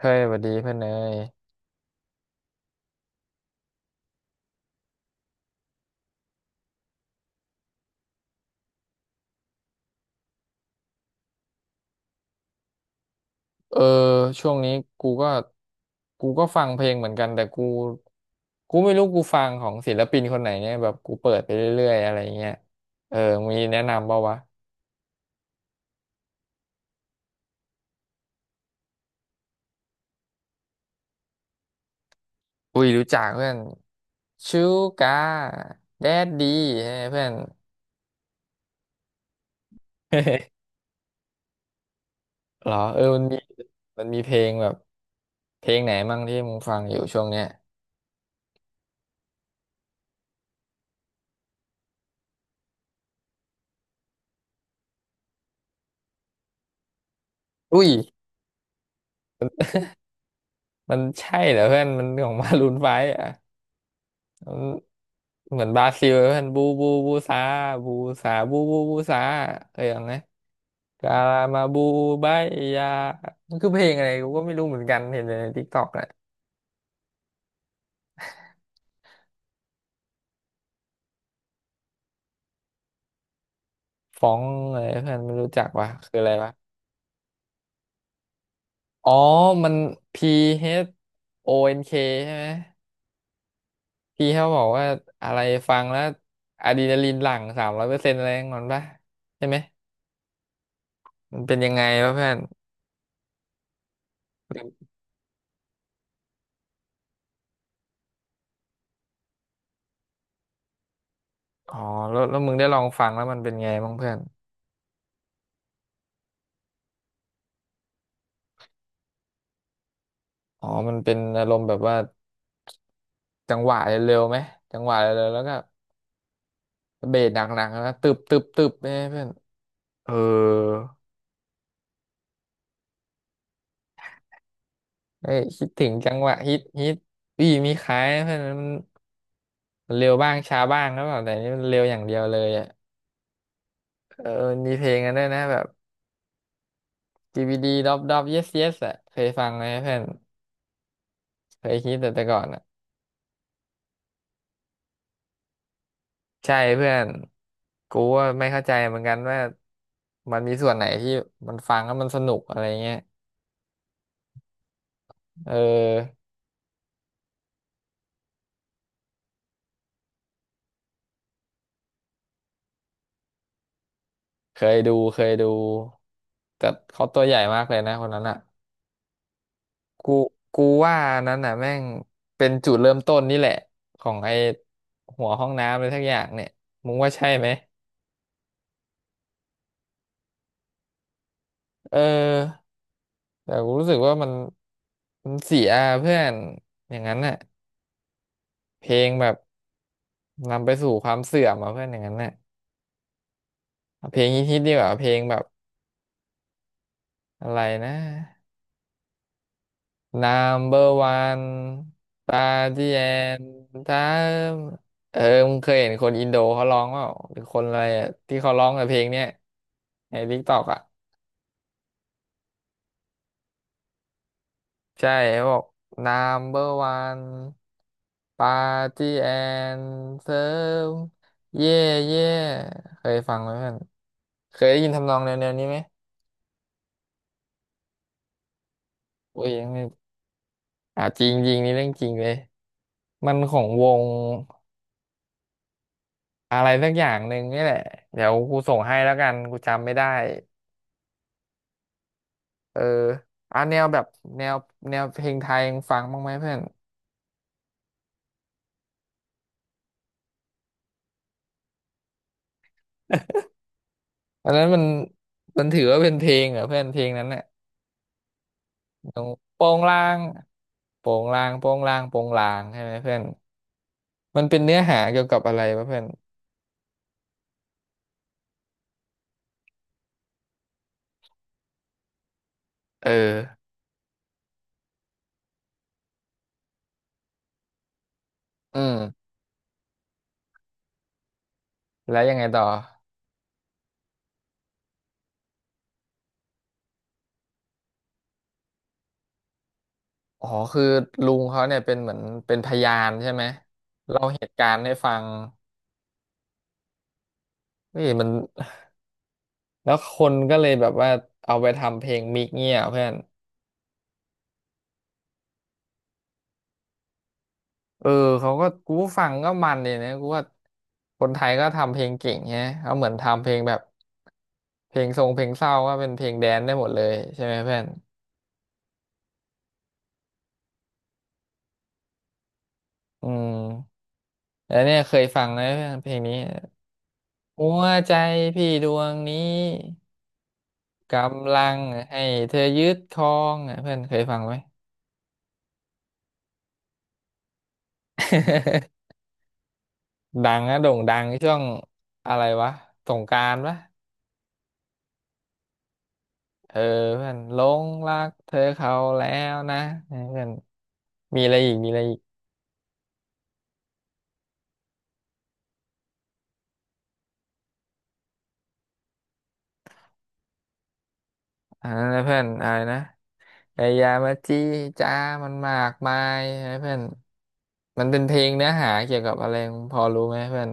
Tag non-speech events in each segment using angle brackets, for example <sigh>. เฮ้ยสวัสดีเพื่อนเนยเออช่วงนี้กูก็กูก็ฟังเพลงเหมือนกันแต่กูไม่รู้กูฟังของศิลปินคนไหนเนี่ยแบบกูเปิดไปเรื่อยๆอะไรเงี้ยเออมีแนะนำเปล่าวะอุ้ยรู้จักเพื่อนชูกาแดดดีเพื่อน <laughs> เหรอเออมันมีมันมีเพลงแบบเพลงไหนมั่งที่มึงฟังอยู่ช่วงเนี้ยอุ้ยมันใช่เหรอเพื่อนมันของ <laughs> มารูนไฟว์อ่ะ เหมือนบราซิลเพื่อนบูบูบูซาบูซาบูบูบูซาเคยฟังไหมกาลามาบูบายยามันคือเพลงอะไรกูก็ไม่รู้เหมือนกันเห็นแต่ในทิกตอกแหละฟ้องอะไรเพื่อนไม่รู้จักวะคืออะไรวะอ๋อมัน PHONK ใช่ไหมพี่เขาบอกว่าอะไรฟังแล้วอะดรีนาลีนหลั่ง300%อะไรอย่างนั้นปะใช่ไหมมันเป็นยังไงวะเพื่อนอ๋อแล้วมึงได้ลองฟังแล้วมันเป็นไงบ้างเพื่อนอ๋อมันเป็นอารมณ์แบบว่า จังหวะเร็วๆไหมจังหวะเร็วๆแล้วก็เบสหนักๆนะตึบตึบตึบเนี่ยเพื่อนเออเอ้ยคิดถึงจังหวะฮิตฮิตอีมีขายนะเพื่อนมันเร็วบ้างช้าบ้างแล้วแบบแต่นี่มันเร็วอย่างเดียวเลยอ่ะเออมนีเพลงกันด้วยนะแบบ DVD ดดอบดอบ yes yes อ่ะเคยฟังไหมเพื่อนเคยฮิตแต่ก่อนอ่ะใช่เพื่อนกูว่าไม่เข้าใจเหมือนกันว่ามันมีส่วนไหนที่มันฟังแล้วมันสนุกอะไรเงี้ยเออ เคยดูเคยดูแต่เขาตัวใหญ่มากเลยนะคนนั้นอ่ะกูกูว่านั้นอ่ะแม่งเป็นจุดเริ่มต้นนี่แหละของไอ้หัวห้องน้ำอะไรทักอย่างเนี่ยมึงว่าใช่ไหมเออแต่กูรู้สึกว่ามันเสียเพื่อนอย่างนั้นน่ะเพลงแบบนำไปสู่ความเสื่อมอ่ะเพื่อนอย่างนั้นน่ะเอาเพลงฮิตๆดีกว่าเพลงแบบอะไรนะ number one ปาที่แอนถ้ามเออมึงเคยเห็นคนอินโดเขาร้องเปล่าหรือคนอะไรอะที่เขาร้องกับเพลงเนี้ยในทิกตอกอ่ะใช่เขาบอก number one ปาที่แอนเซิร์มเย่เย่เคยฟังไหมเพื่อนเคยได้ยินทำนองแนวๆนี้ไหม โอ้ยยังไม่อ่ะจริงจริงนี่เรื่องจริงเลย มันของวง อะไรสักอย่างหนึ่งนี่แหละเดี๋ยวกูส่งให้แล้วกันกูจำไม่ได้เอออ่ะแนวแบบแนวแนวเพลงไทยยังฟังบ้างไหมเพื่อนอันนั้นมันถือว่าเป็นเพลงเหรอเพื่อนเพลงนั้นเนี่ยอย่างโปงลางโปงลางโปงลางใช่ไหมเพื่อนมันเป็นเนื้อหาเกี่ยวกับอะไรวะเพื่อนเอออืมแล้วยังไงต่ออ๋อคือลุงเขาเนี่ยเป็นเหมือนเป็นพยานใช่ไหมเล่าเหตุการณ์ให้ฟังเฮ้ยมัน แล้วคนก็เลยแบบว่าเอาไปทำเพลงมิกเงี้ยเพื่อนเออเขาก็กูฟังก็มันเลยนะกูว่าคนไทยก็ทำเพลงเก่งไงเขาเหมือนทำเพลงแบบเพลงทรงเพลงเศร้าก็เป็นเพลงแดนซ์ได้หมดเลยใช่ไหมเพื่อนอืมแล้วเนี่ยเคยฟังไหมเพื่อนเพลงนี้หัวใจพี่ดวงนี้กำลังให้เธอยึดครองอ่ะเพื่อนเคยฟังไหม <laughs> ดังนะโด่งดังช่วงอะไรวะสงกรานต์ปะ เออเพื่อนหลงรักเธอเขาแล้วนะเออเพื่อนมีอะไรอีกมีอะไรอีกอ่าเพื่อนอะไรนะไอ้ยามาจี้จ้ามันมากมายนะเพื่อนมันเป็นเพลงเนื้อหาเกี่ยวกับอะไรพอรู้ไหมเพื่อน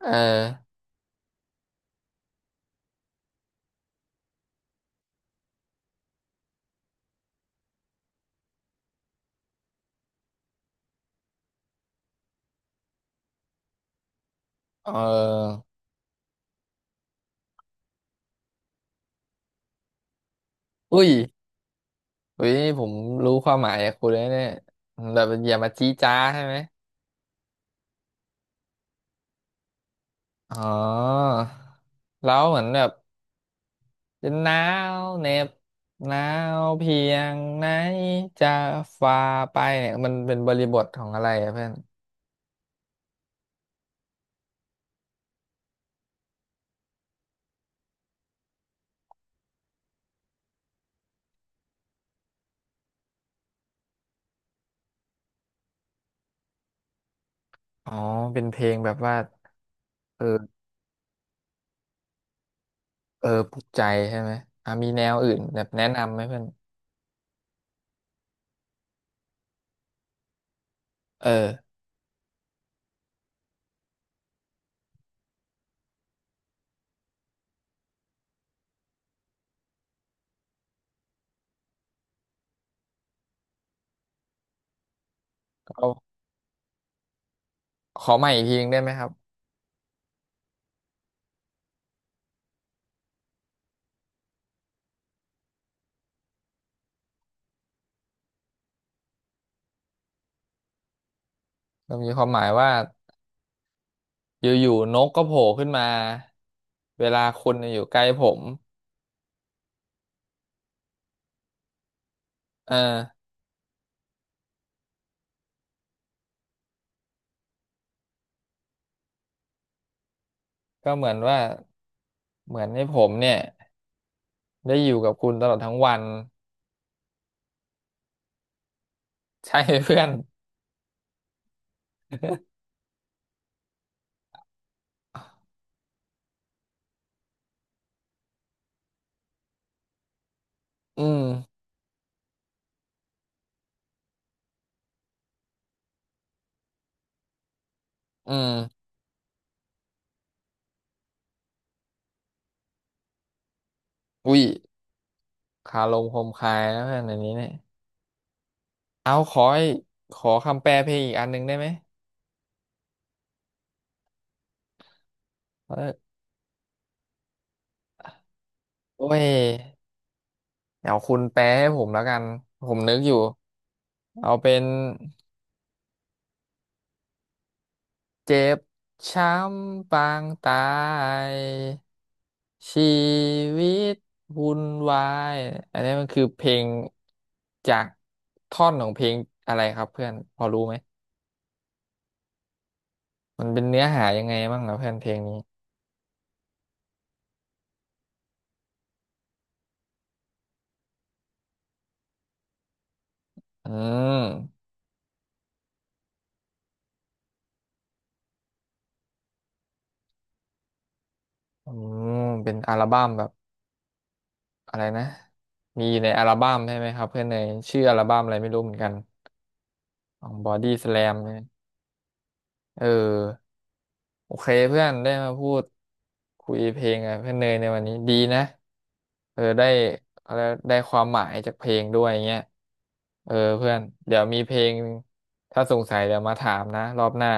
เออเอออุ้ยอุ้ยนี่ผมรู้ความหมายจากคุณแล้เนี่ยแบบอย่ามาจี้จ้าใช่ไหมอ๋อแล้วเหมือนแบบ จะหนาวเหน็บหนาวเพียงไหนจะฝ่าไปเนี่ยมันเป็นบริบทของอะไรอะเพื่อนอ๋อเป็นเพลงแบบว่าเออเออปลุกใจใช่ไหมอ่ะมีแนวอื่นแบบแนะนำไหมเพื่อนเออเอาขอใหม่อีกทีหนึงได้ไหมครับมันมีความหมายว่าอยู่ๆนกก็โผล่ขึ้นมาเวลาคุณอยู่ใกล้ผมเออก็เหมือนว่าเหมือนให้ผมเนี่ยได้อยู่กับคุณตลอดทั้งวันใช่ไหมเพื่อน <laughs> อืมอืม อุ้ยคาลมคมคายนะเพื่อนอันนี้เนี่ยเอาขอให้ขอคำแปลเพลงอีกอันหนึ่งได้ไหมเออโอ้ยเดี๋ยวคุณแปลให้ผมแล้วกันผมนึกอยู่เอาเป็นเจ็บช้ำปางตายชีวิตวุ่นวายอันนี้มันคือเพลงจากท่อนของเพลงอะไรครับเพื่อนพอรู้ไหมมันเป็นเนื้อหายังไงบ้างนะเพื่อนเพลงนี้อืม อืมเป็นอัลบั้มแบบอะไรนะมีอยู่ในอัลบั้มใช่ไหมครับเพื่อนเนยชื่ออัลบั้มอะไรไม่รู้เหมือนกันของบอดี้สแลมเนี่ยเออโอเคเพื่อนได้มาพูดคุยเพลงกับเพื่อนเนยในวันนี้ดีนะเออได้อะไรได้ความหมายจากเพลงด้วยเงี้ยเออเพื่อนเดี๋ยวมีเพลงถ้าสงสัยเดี๋ยวมาถามนะรอบหน้า